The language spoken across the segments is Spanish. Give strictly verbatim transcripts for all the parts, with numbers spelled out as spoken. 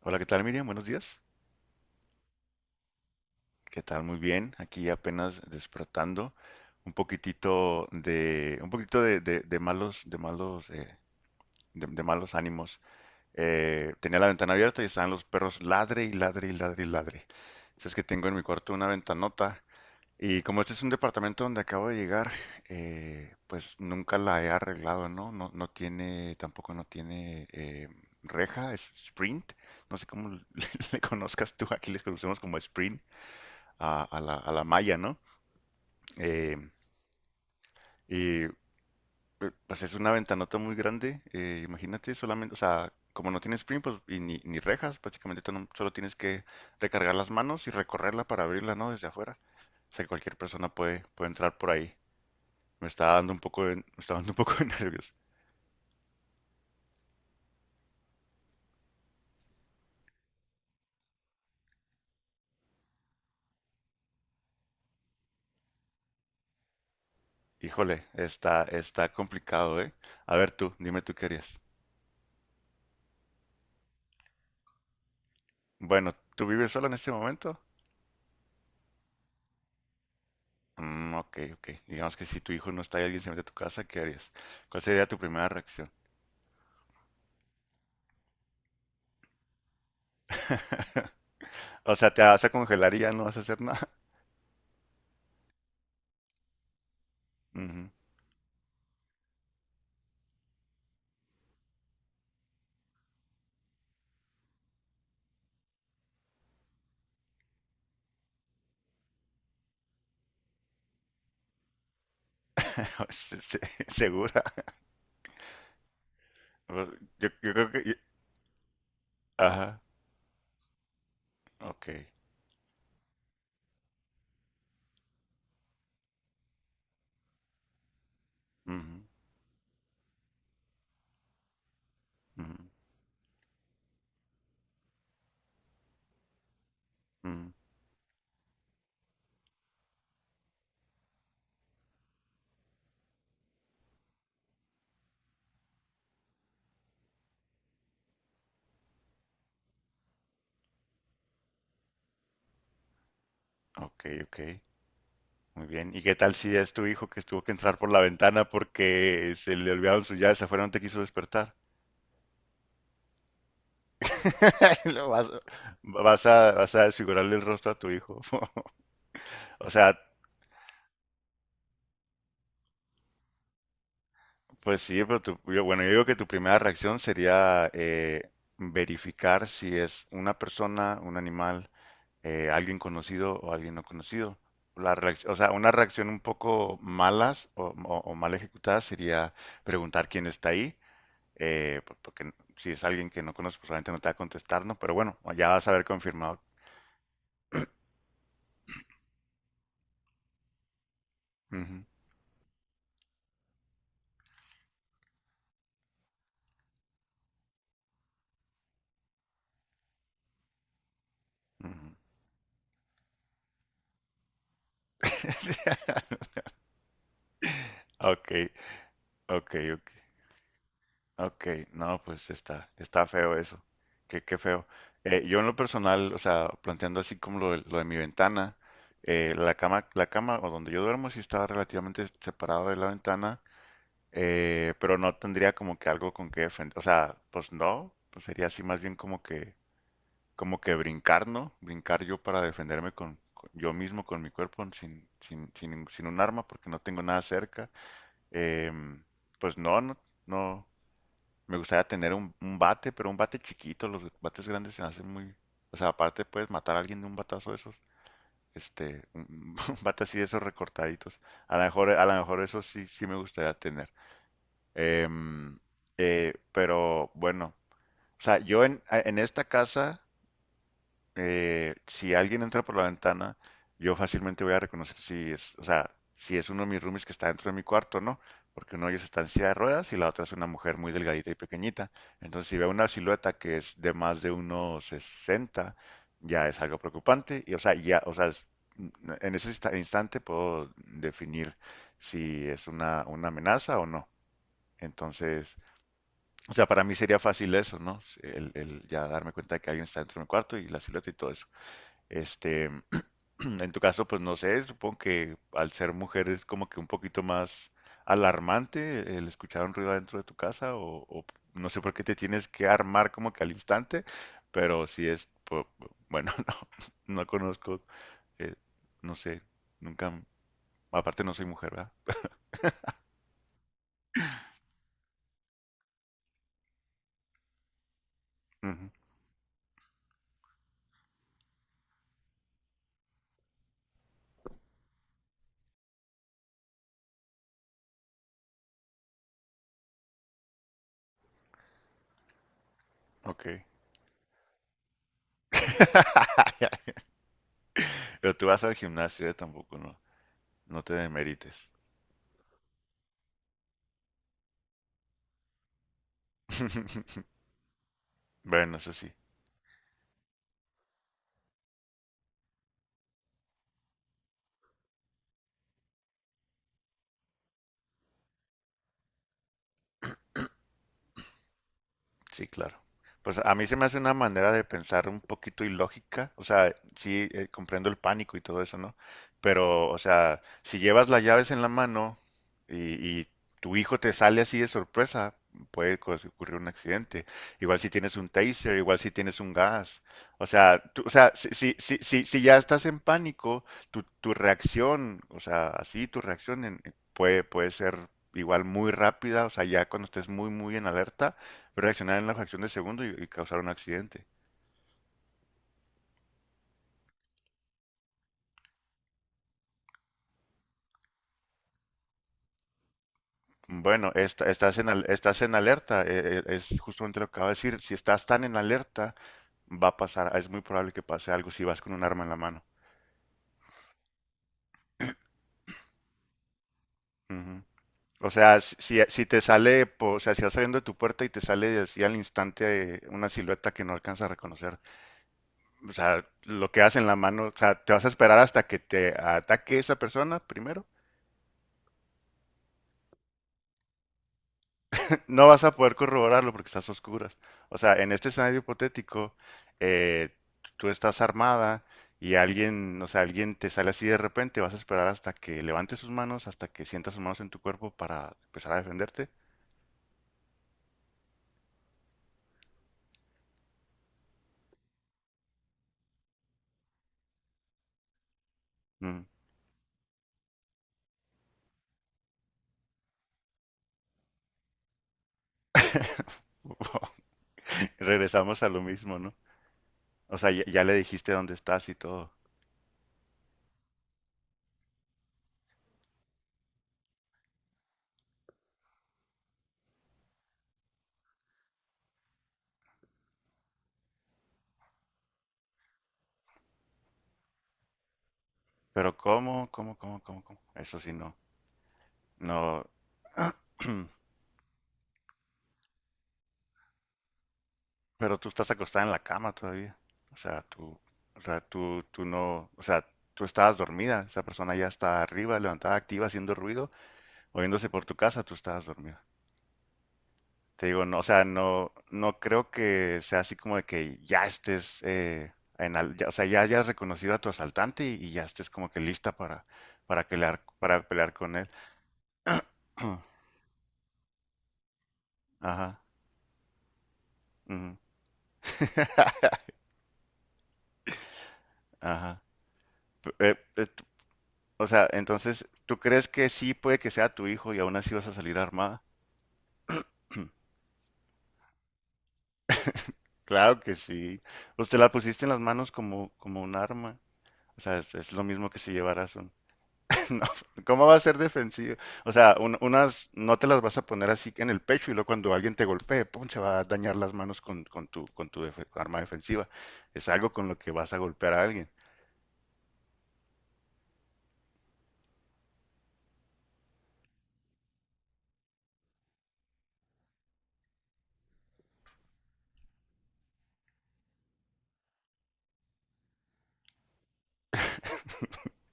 Hola, ¿qué tal, Miriam? Buenos días. ¿Qué tal? Muy bien. Aquí apenas despertando. Un poquitito de, un poquito de, de- de malos, de malos, eh, de, de malos ánimos. Eh, tenía la ventana abierta y estaban los perros ladre y ladre y ladre y ladre. Entonces que tengo en mi cuarto una ventanota y como este es un departamento donde acabo de llegar, eh, pues nunca la he arreglado, ¿no? No, no tiene, tampoco no tiene eh, reja, es sprint. No sé cómo le, le conozcas tú, aquí les conocemos como sprint a, a la, a la malla, ¿no? Eh, y eh, pues es una ventanota muy grande, eh, imagínate, solamente, o sea, como no tienes sprint pues, y ni, ni rejas, prácticamente tú no- solo tienes que recargar las manos y recorrerla para abrirla, ¿no? Desde afuera. O sea, cualquier persona puede, puede entrar por ahí. Me está dando un poco de, me está dando un poco de nervios. Híjole, está, está complicado, ¿eh? A ver tú, dime tú qué harías. Bueno, ¿tú vives sola en este momento? Mm, ok, ok. Digamos que si tu hijo no está y alguien se mete a tu casa, ¿qué harías? ¿Cuál sería tu primera reacción? O sea, te vas a congelar y ya no vas a hacer nada. Ujú. Se- se- Segura. Pues, Yo, yo creo que... yo- Ajá, ok. Ujú, ujú, ujú. Ok, ok. Muy bien. ¿Y qué tal si es tu hijo que tuvo que entrar por la ventana porque se le olvidaron sus llaves afuera y no te quiso despertar? Lo vas, vas a, vas a desfigurarle el rostro a tu hijo. O sea, pues sí, pero tu- yo, bueno, yo digo que tu primera reacción sería eh, verificar si es una persona, un animal, eh, alguien conocido o alguien no conocido. La reacc- o sea, una reacción un poco malas o, o- o mal ejecutada sería preguntar quién está ahí, eh, por- porque si es alguien que no conoces, pues obviamente no te va a contestar, ¿no? Pero bueno, ya vas a haber confirmado. Ujú, ujú. Ok, ok, ok. Ok, no, pues está, está feo eso. Qué, qué feo. Eh, yo en lo personal, o sea, planteando así como lo de, lo de mi ventana, eh, la cama, la cama o donde yo duermo sí estaba relativamente separado de la ventana, eh, pero no tendría como que algo con que defender. O sea, pues no, pues sería así más bien como que, como que brincar, ¿no? Brincar yo para defenderme con, con- yo mismo, con mi cuerpo, sin, sin, sin, sin un arma, porque no tengo nada cerca. Em, pues no, no, no. Me gustaría tener un, un bate, pero un bate chiquito. Los bates grandes se me hacen muy. O sea, aparte puedes matar a alguien de un batazo de esos. Este, un, un bate así de esos recortaditos. A lo mejor, a lo mejor eso sí, sí me gustaría tener. Em, eh, pero bueno, o sea, yo en, en esta casa, eh, si alguien entra por la ventana, yo fácilmente voy a reconocer si es, o sea, si es uno de mis roomies que está dentro de mi cuarto o no, porque uno de ellos está en silla de ruedas y la otra es una mujer muy delgadita y pequeñita. Entonces, si veo una silueta que es de más de unos sesenta, ya es algo preocupante y, o sea, ya, o sea, es- en ese insta- instante puedo definir si es una, una amenaza o no. Entonces, o sea, para mí sería fácil eso, ¿no? El, el ya darme cuenta de que alguien está dentro de mi cuarto y la silueta y todo eso. Este, en tu caso, pues no sé, supongo que al ser mujer es como que un poquito más alarmante el escuchar un ruido adentro de tu casa o, o no sé por qué te tienes que armar como que al instante, pero si es, po- bueno, no, no conozco, eh, no sé, nunca, aparte no soy mujer, ¿verdad? Ujú, ok. Pero tú vas al gimnasio, eh, tampoco, no, no te demerites. Bueno, eso sí. Sí, claro. Pues a mí se me hace una manera de pensar un poquito ilógica, o sea, sí, eh, comprendo el pánico y todo eso, ¿no? Pero, o sea, si llevas las llaves en la mano y, y tu hijo te sale así de sorpresa, puede co- ocurrir un accidente. Igual si tienes un taser, igual si tienes un gas. O sea, tú- o sea, si, si, si, si, si ya estás en pánico, tu, tu reacción, o sea, así tu reacción en- puede, puede ser igual muy rápida, o sea, ya cuando estés muy, muy en alerta reaccionar en la fracción de segundo y, y causar un accidente. Bueno, esta- estás en, al- estás en alerta, eh, eh, es justamente lo que acabo de decir. Si estás tan en alerta, va a pasar, es muy probable que pase algo si vas con un arma en la mano. Ujú. O sea, si, si- si te sale, po- o sea, si vas saliendo de tu puerta y te sale así al instante eh, una silueta que no alcanza a reconocer, o sea, lo que haces en la mano, o sea, te vas a esperar hasta que te ataque esa persona primero. No vas a poder corroborarlo porque estás a oscuras. O sea, en este escenario hipotético, eh, tú estás armada y alguien, o sea, alguien te sale así de repente, vas a esperar hasta que levante sus manos, hasta que sientas sus manos en tu cuerpo para empezar a defenderte. Mm. Regresamos a lo mismo, ¿no? O sea, ya, ya le dijiste dónde estás y todo. Pero ¿cómo? ¿Cómo? ¿Cómo? ¿Cómo? ¿Cómo? Eso sí, no. No, pero tú estás acostada en la cama todavía. O sea, tú, o sea, tú, tú no, o sea, tú estabas dormida. Esa persona ya está arriba, levantada, activa, haciendo ruido, moviéndose por tu casa, tú estabas dormida. Te digo, no, o sea, no, no creo que sea así como de que ya estés, eh, en al- ya- o sea, ya hayas reconocido a tu asaltante y, y ya estés como que lista para, para pelear, para pelear con él. Ajá, ujú, ajá. P- eh, eh, t- o sea, entonces, ¿tú crees que sí puede que sea tu hijo y aún así vas a salir armada? Claro que sí. Pues te la pusiste en las manos como, como un arma. O sea, es, es lo mismo que si llevaras un. No, ¿cómo va a ser defensivo? O sea, un- unas no te las vas a poner así en el pecho y luego cuando alguien te golpee, ¡pum! Se va a dañar las manos con, con tu, con tu defe- arma defensiva. Es algo con lo que vas a golpear a alguien.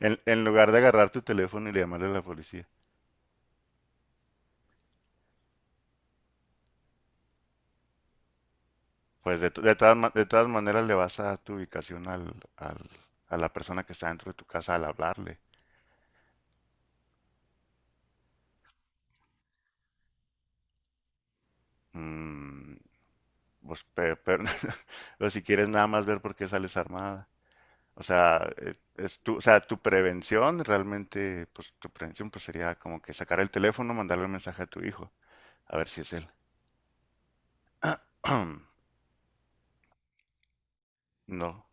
En, en lugar de agarrar tu teléfono y llamarle a la policía. Pues de, to- de todas ma- de todas maneras le vas a dar tu ubicación al, al- a la persona que está dentro de tu casa al hablarle. Mm, pues, pe- pero, pero si quieres nada más ver por qué sales armada. O sea, eh, es tu, o sea, tu prevención realmente, pues tu prevención pues sería como que sacar el teléfono, mandarle un mensaje a tu hijo, a ver si es él. No.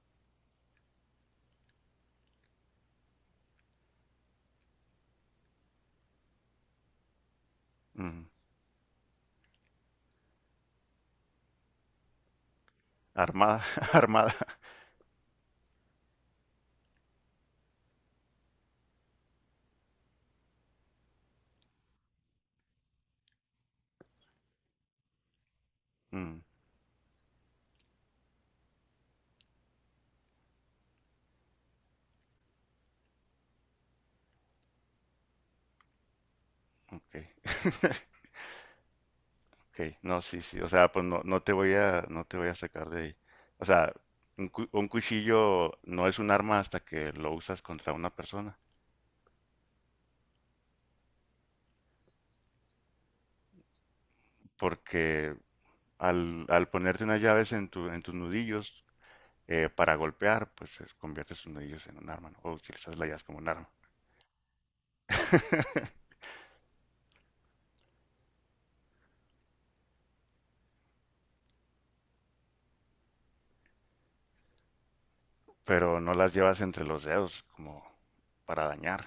mm, Armada, armada. Mm, ok. Ok, no, sí, sí. O sea, pues no, no te voy a, no te voy a sacar de ahí. O sea, un, cu- un cuchillo no es un arma hasta que lo usas contra una persona. Porque Al, al ponerte unas llaves en, tu- en tus nudillos eh, para golpear, pues eh, conviertes tus nudillos en un arma, ¿no? O utilizas las llaves como un arma. Pero no las llevas entre los dedos como para dañar.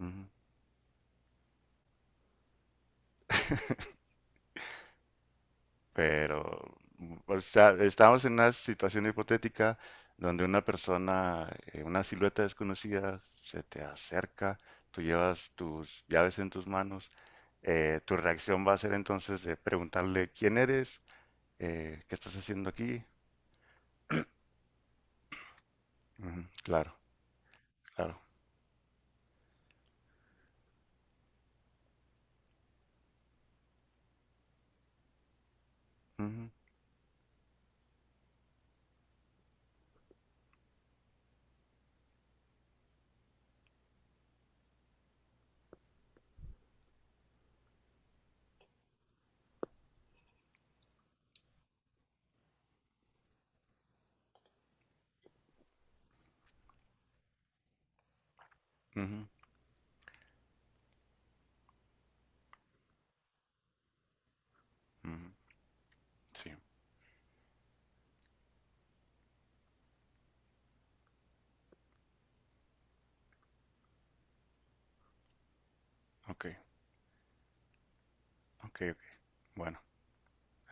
Ujú. Pero, mm, o sea, estamos en una situación hipotética donde una persona, eh, una silueta desconocida, se te acerca, tú llevas tus llaves en tus manos, eh, tu reacción va a ser entonces de preguntarle quién eres, Eh, qué estás haciendo aquí, ujú, claro, claro. Ujú, ujú, ujú. Sí, ok, ok, ok. Bueno,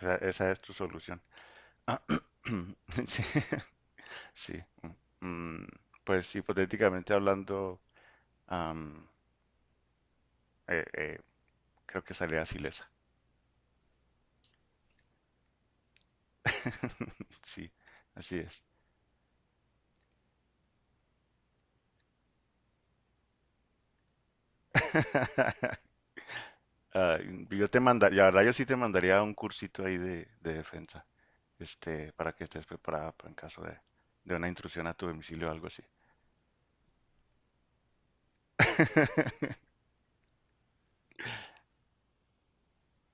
esa, esa es tu solución. Ah, sí, sí. mm, mm, Pues hipotéticamente hablando, am, eh, eh, creo que salía ilesa. Sí, así es. Ah, yo te mandaría, la verdad yo sí te mandaría un cursito ahí de, de defensa, este, para que estés preparada para en caso de, de una intrusión a tu domicilio o algo así.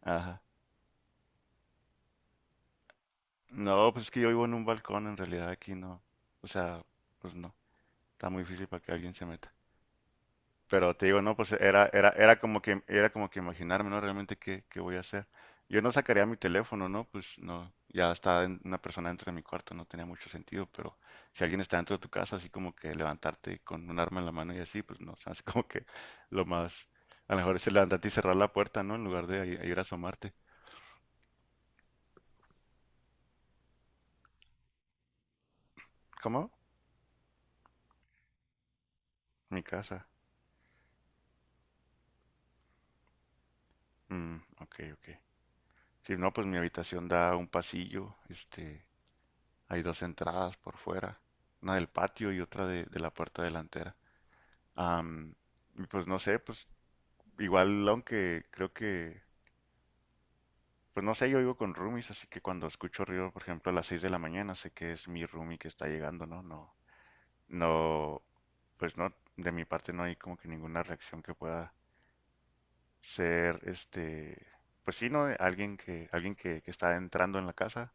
Ajá. No, pues es que yo vivo en un balcón, en realidad aquí no. O sea, pues no. Está muy difícil para que alguien se meta. Pero te digo, no, pues era, era, era como que, era como que imaginarme, ¿no? Realmente qué, qué voy a hacer. Yo no sacaría mi teléfono, ¿no? Pues no, ya está en- una persona dentro de mi cuarto, no tenía mucho sentido, pero si alguien está dentro de tu casa, así como que levantarte con un arma en la mano y así, pues no, se me hace como que lo más, a lo mejor es levantarte y cerrar la puerta, ¿no? En lugar de ir a asomarte. ¿Cómo? Mi casa. Mm, ok, ok. Sí, no, pues mi habitación da a un pasillo, este, hay dos entradas por fuera, una del patio y otra de, de la puerta delantera. Am, y pues no sé, pues igual aunque creo que, pues no sé, yo vivo con roomies, así que cuando escucho ruido, por ejemplo, a las seis de la mañana, sé que es mi roomie que está llegando, ¿no? No, no, pues no, de mi parte no hay como que ninguna reacción que pueda ser, este, pues sí, ¿no? Alguien que, alguien que, que está entrando en la casa,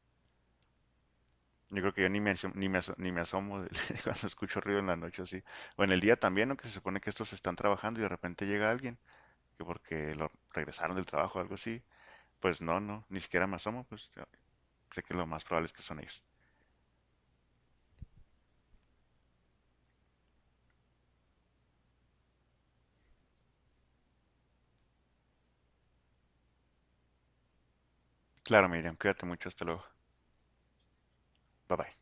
yo creo que yo ni me, asom- ni me, aso- ni me asomo de- cuando escucho ruido en la noche así. O en el día también, no que se supone que estos están trabajando y de repente llega alguien, que porque lo regresaron del trabajo o algo así, pues no, no, ni siquiera me asomo, pues yo sé que lo más probable es que son ellos. Claro, Miriam, cuídate mucho, hasta luego. Bye bye.